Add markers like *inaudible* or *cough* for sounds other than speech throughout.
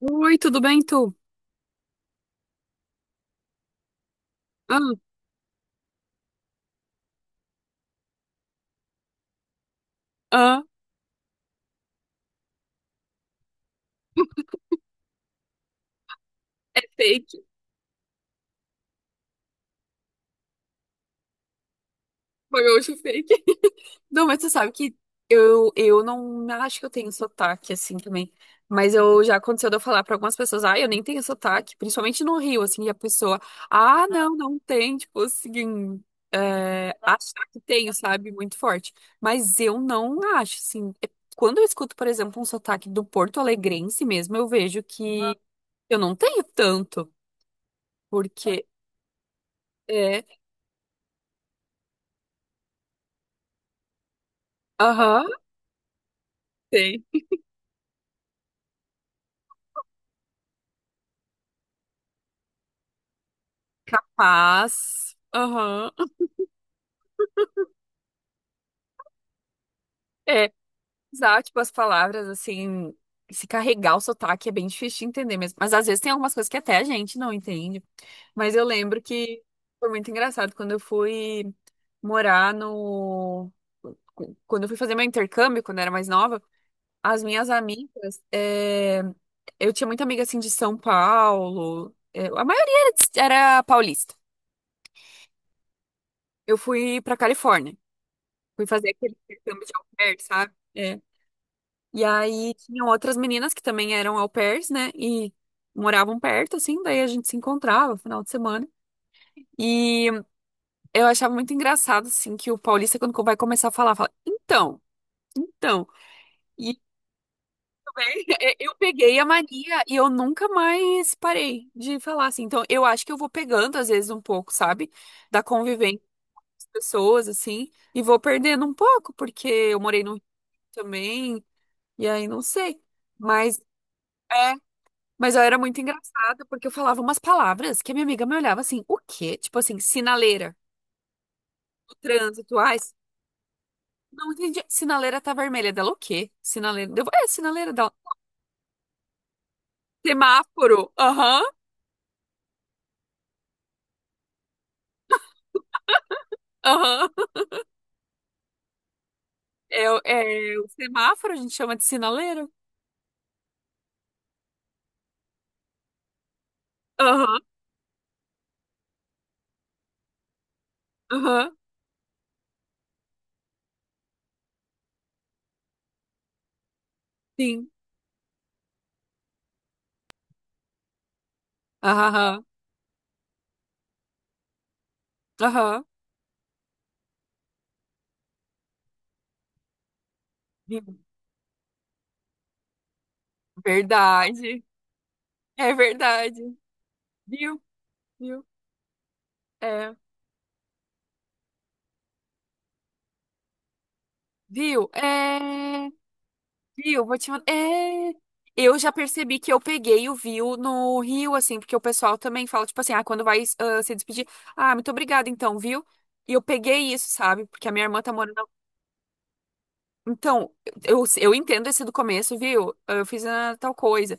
Oi, tudo bem, tu? Ah, ah, é fake. Foi meu último fake. *laughs* Não, mas você sabe que eu não acho que eu tenho sotaque assim também. Mas eu já aconteceu de eu falar pra algumas pessoas, ah, eu nem tenho sotaque, principalmente no Rio, assim, e a pessoa, ah, não, não tem, tipo assim, achar que tenho, sabe, muito forte. Mas eu não acho, assim. Quando eu escuto, por exemplo, um sotaque do Porto Alegrense mesmo, eu vejo que eu não tenho tanto, porque é. Aham. Tem. Capaz. Aham. É, usar, tipo, as palavras, assim, se carregar o sotaque é bem difícil de entender mesmo. Mas às vezes tem algumas coisas que até a gente não entende. Mas eu lembro que foi muito engraçado quando eu fui morar no. Quando eu fui fazer meu intercâmbio, quando eu era mais nova, as minhas amigas. Eu tinha muita amiga, assim, de São Paulo. A maioria era paulista. Eu fui pra Califórnia. Fui fazer aquele intercâmbio de albergue, sabe? E aí tinham outras meninas que também eram au pairs, né? E moravam perto, assim, daí a gente se encontrava no final de semana. E eu achava muito engraçado, assim, que o paulista, quando vai começar a falar, fala, então, então. E também *laughs* eu peguei a mania e eu nunca mais parei de falar, assim. Então, eu acho que eu vou pegando, às vezes, um pouco, sabe? Da convivência com as pessoas, assim, e vou perdendo um pouco, porque eu morei no Rio também, e aí não sei. Mas. é Mas eu era muito engraçada porque eu falava umas palavras que a minha amiga me olhava assim, o quê? Tipo assim, sinaleira, no trânsito, ai, não entendi. Sinaleira tá vermelha dela, o quê? Sinaleira, eu, é, sinaleira dela. Semáforo, aham, aham. É, o semáforo a gente chama de sinaleira. Aham, aham, sim, aham, aham. Viu? Verdade, é verdade. Viu, viu, é, viu, é. Viu? Vou te mandar. Eu já percebi que eu peguei o viu no Rio, assim, porque o pessoal também fala, tipo assim, ah, quando vai ah, se despedir, ah, muito obrigada, então, viu? E eu peguei isso, sabe? Porque a minha irmã tá morando. Então, eu entendo esse do começo, viu? "Ah, Eu fiz ah, tal coisa.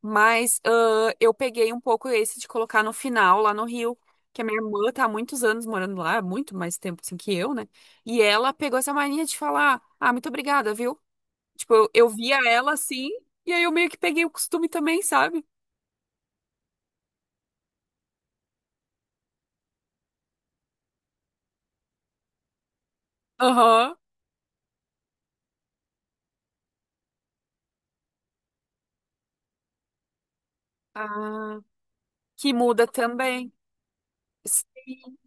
Mas ah, eu peguei um pouco esse de colocar no final, lá no Rio, que a minha irmã tá há muitos anos morando lá, muito mais tempo assim que eu, né? E ela pegou essa mania de falar, ah, muito obrigada, viu? Tipo, eu via ela assim, e aí eu meio que peguei o costume também, sabe? Aham. Ah, que muda também. Sim.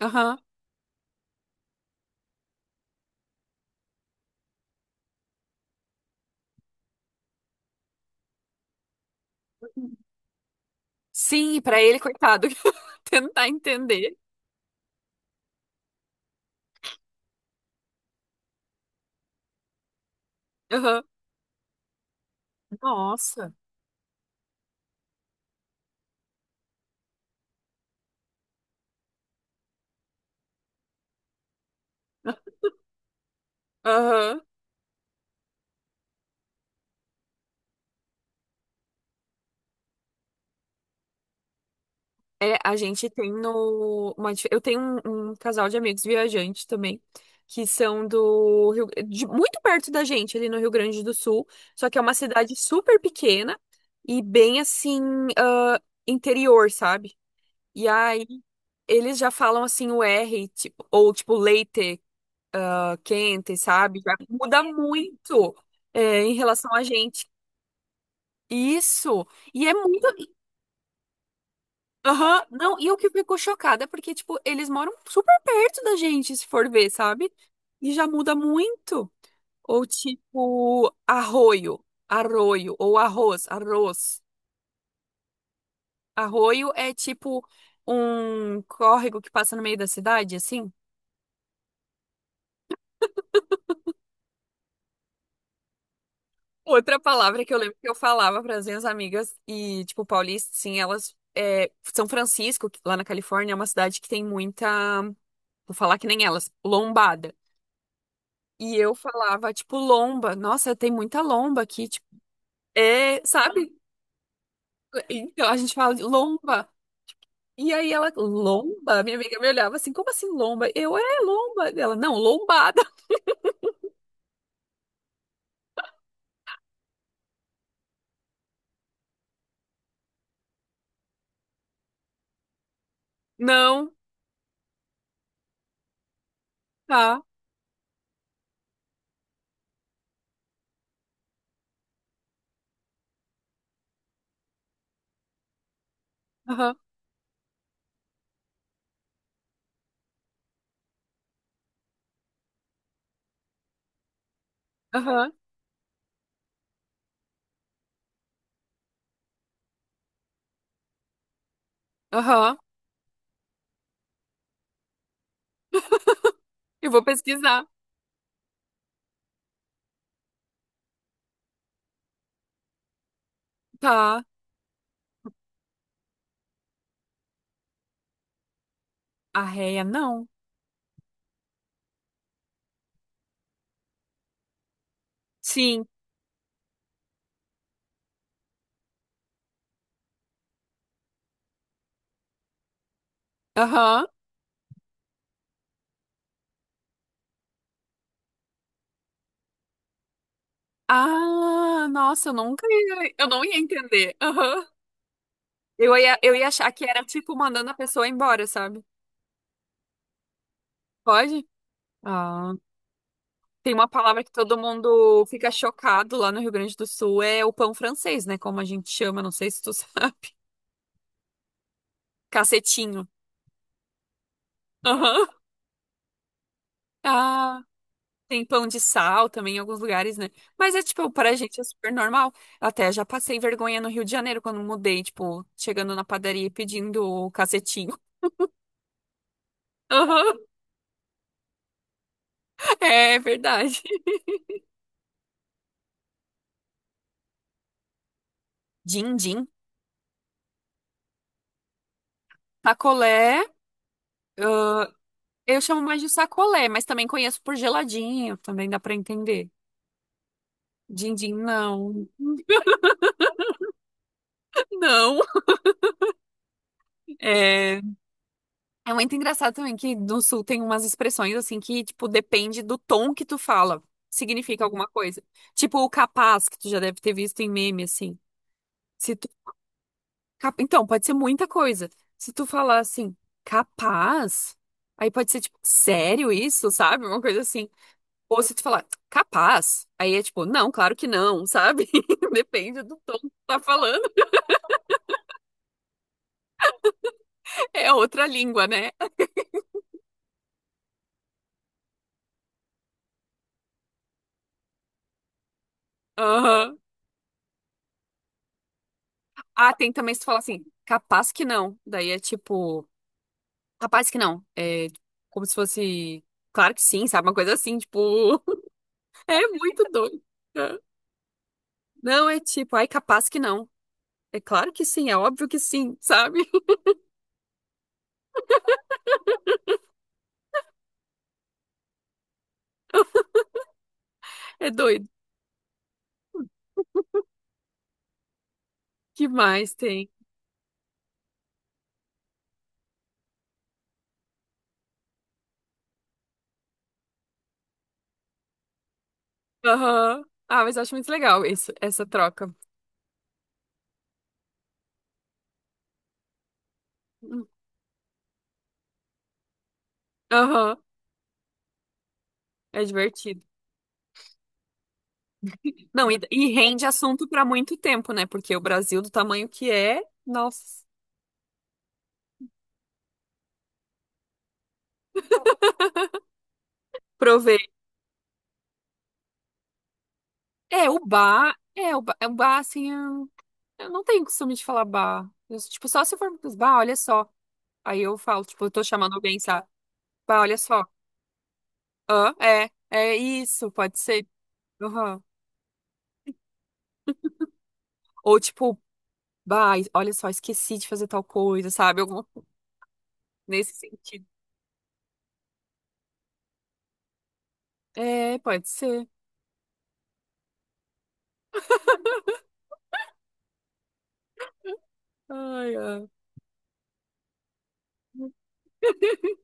Aham. Sim, pra ele, coitado, *laughs* tentar entender. Aham. Nossa. Aham. É, a gente tem no. uma dif- eu tenho um casal de amigos viajantes também, que são do Rio, muito perto da gente, ali no Rio Grande do Sul. Só que é uma cidade super pequena e bem assim, ah, interior, sabe? E aí eles já falam assim o R, tipo, ou tipo leite, quente, sabe? Já muda muito em relação a gente. Isso. E é muito. Aham. Não, e o que ficou chocada é porque, tipo, eles moram super perto da gente, se for ver, sabe? E já muda muito. Ou tipo, arroio, arroio, ou arroz, arroz. Arroio é tipo um córrego que passa no meio da cidade, assim. Outra palavra que eu lembro que eu falava para as minhas amigas, e, tipo, paulista, sim, elas. São Francisco, que lá na Califórnia, é uma cidade que tem muita. Vou falar que nem elas, lombada. E eu falava, tipo, lomba. Nossa, tem muita lomba aqui, tipo. É, sabe? Então a gente fala de lomba. E aí ela, lomba? Minha amiga me olhava assim, como assim lomba? Eu, é lomba. Ela, não, lombada. *laughs* Não, tá. Aham, aham, aham. Eu vou pesquisar. Tá. Arreia, não. Sim. Aham. Ah, nossa, eu nunca ia, eu não ia entender. Aham. Eu ia achar que era tipo mandando a pessoa embora, sabe? Pode? Ah, tem uma palavra que todo mundo fica chocado lá no Rio Grande do Sul, é o pão francês, né? Como a gente chama, não sei se tu *laughs* sabe. Cacetinho. Aham. Ah, tem pão de sal também em alguns lugares, né? Mas é tipo, pra gente é super normal. Até já passei vergonha no Rio de Janeiro quando mudei, tipo, chegando na padaria e pedindo o cacetinho. *laughs* Aham. É verdade. Din-din. Sacolé, ah, eu chamo mais de sacolé, mas também conheço por geladinho, também dá pra entender. Din-din, não. *laughs* Não. É... É muito engraçado também que no sul tem umas expressões assim que, tipo, depende do tom que tu fala. Significa alguma coisa. Tipo o capaz, que tu já deve ter visto em meme, assim. Se tu... cap- Então, pode ser muita coisa. Se tu falar assim, capaz, aí pode ser tipo, sério isso, sabe? Uma coisa assim. Ou se tu falar, capaz, aí é tipo, não, claro que não, sabe? *laughs* Depende do tom que tu tá falando. *laughs* É outra língua, né? Aham. Ah, tem também se tu falar assim, capaz que não. Daí é tipo, capaz que não. É como se fosse, claro que sim, sabe? Uma coisa assim, tipo, *laughs* é muito doido. Não, é tipo, ai, capaz que não. É claro que sim, é óbvio que sim, sabe? *laughs* É doido. Que mais tem? Aham. Ah, mas eu acho muito legal isso, essa troca. Aham. É divertido. Não, e rende assunto para muito tempo, né? Porque o Brasil, do tamanho que é, nossa, provei. É, o bar, é, o bar, é, o bar assim, eu não tenho costume de falar bar. Eu, tipo, só se for, bah, olha só. Aí eu falo, tipo, eu tô chamando alguém, sabe? Bah, olha só. Hã? É isso, pode ser. Aham. Ou tipo, bah, olha só, esqueci de fazer tal coisa, sabe? Algum, nesse sentido. É, pode ser. Ai, ai. *laughs*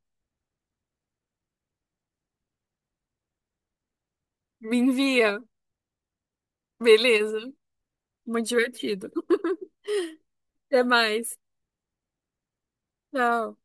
Me envia. Beleza. Muito divertido. *laughs* Até mais. Tchau.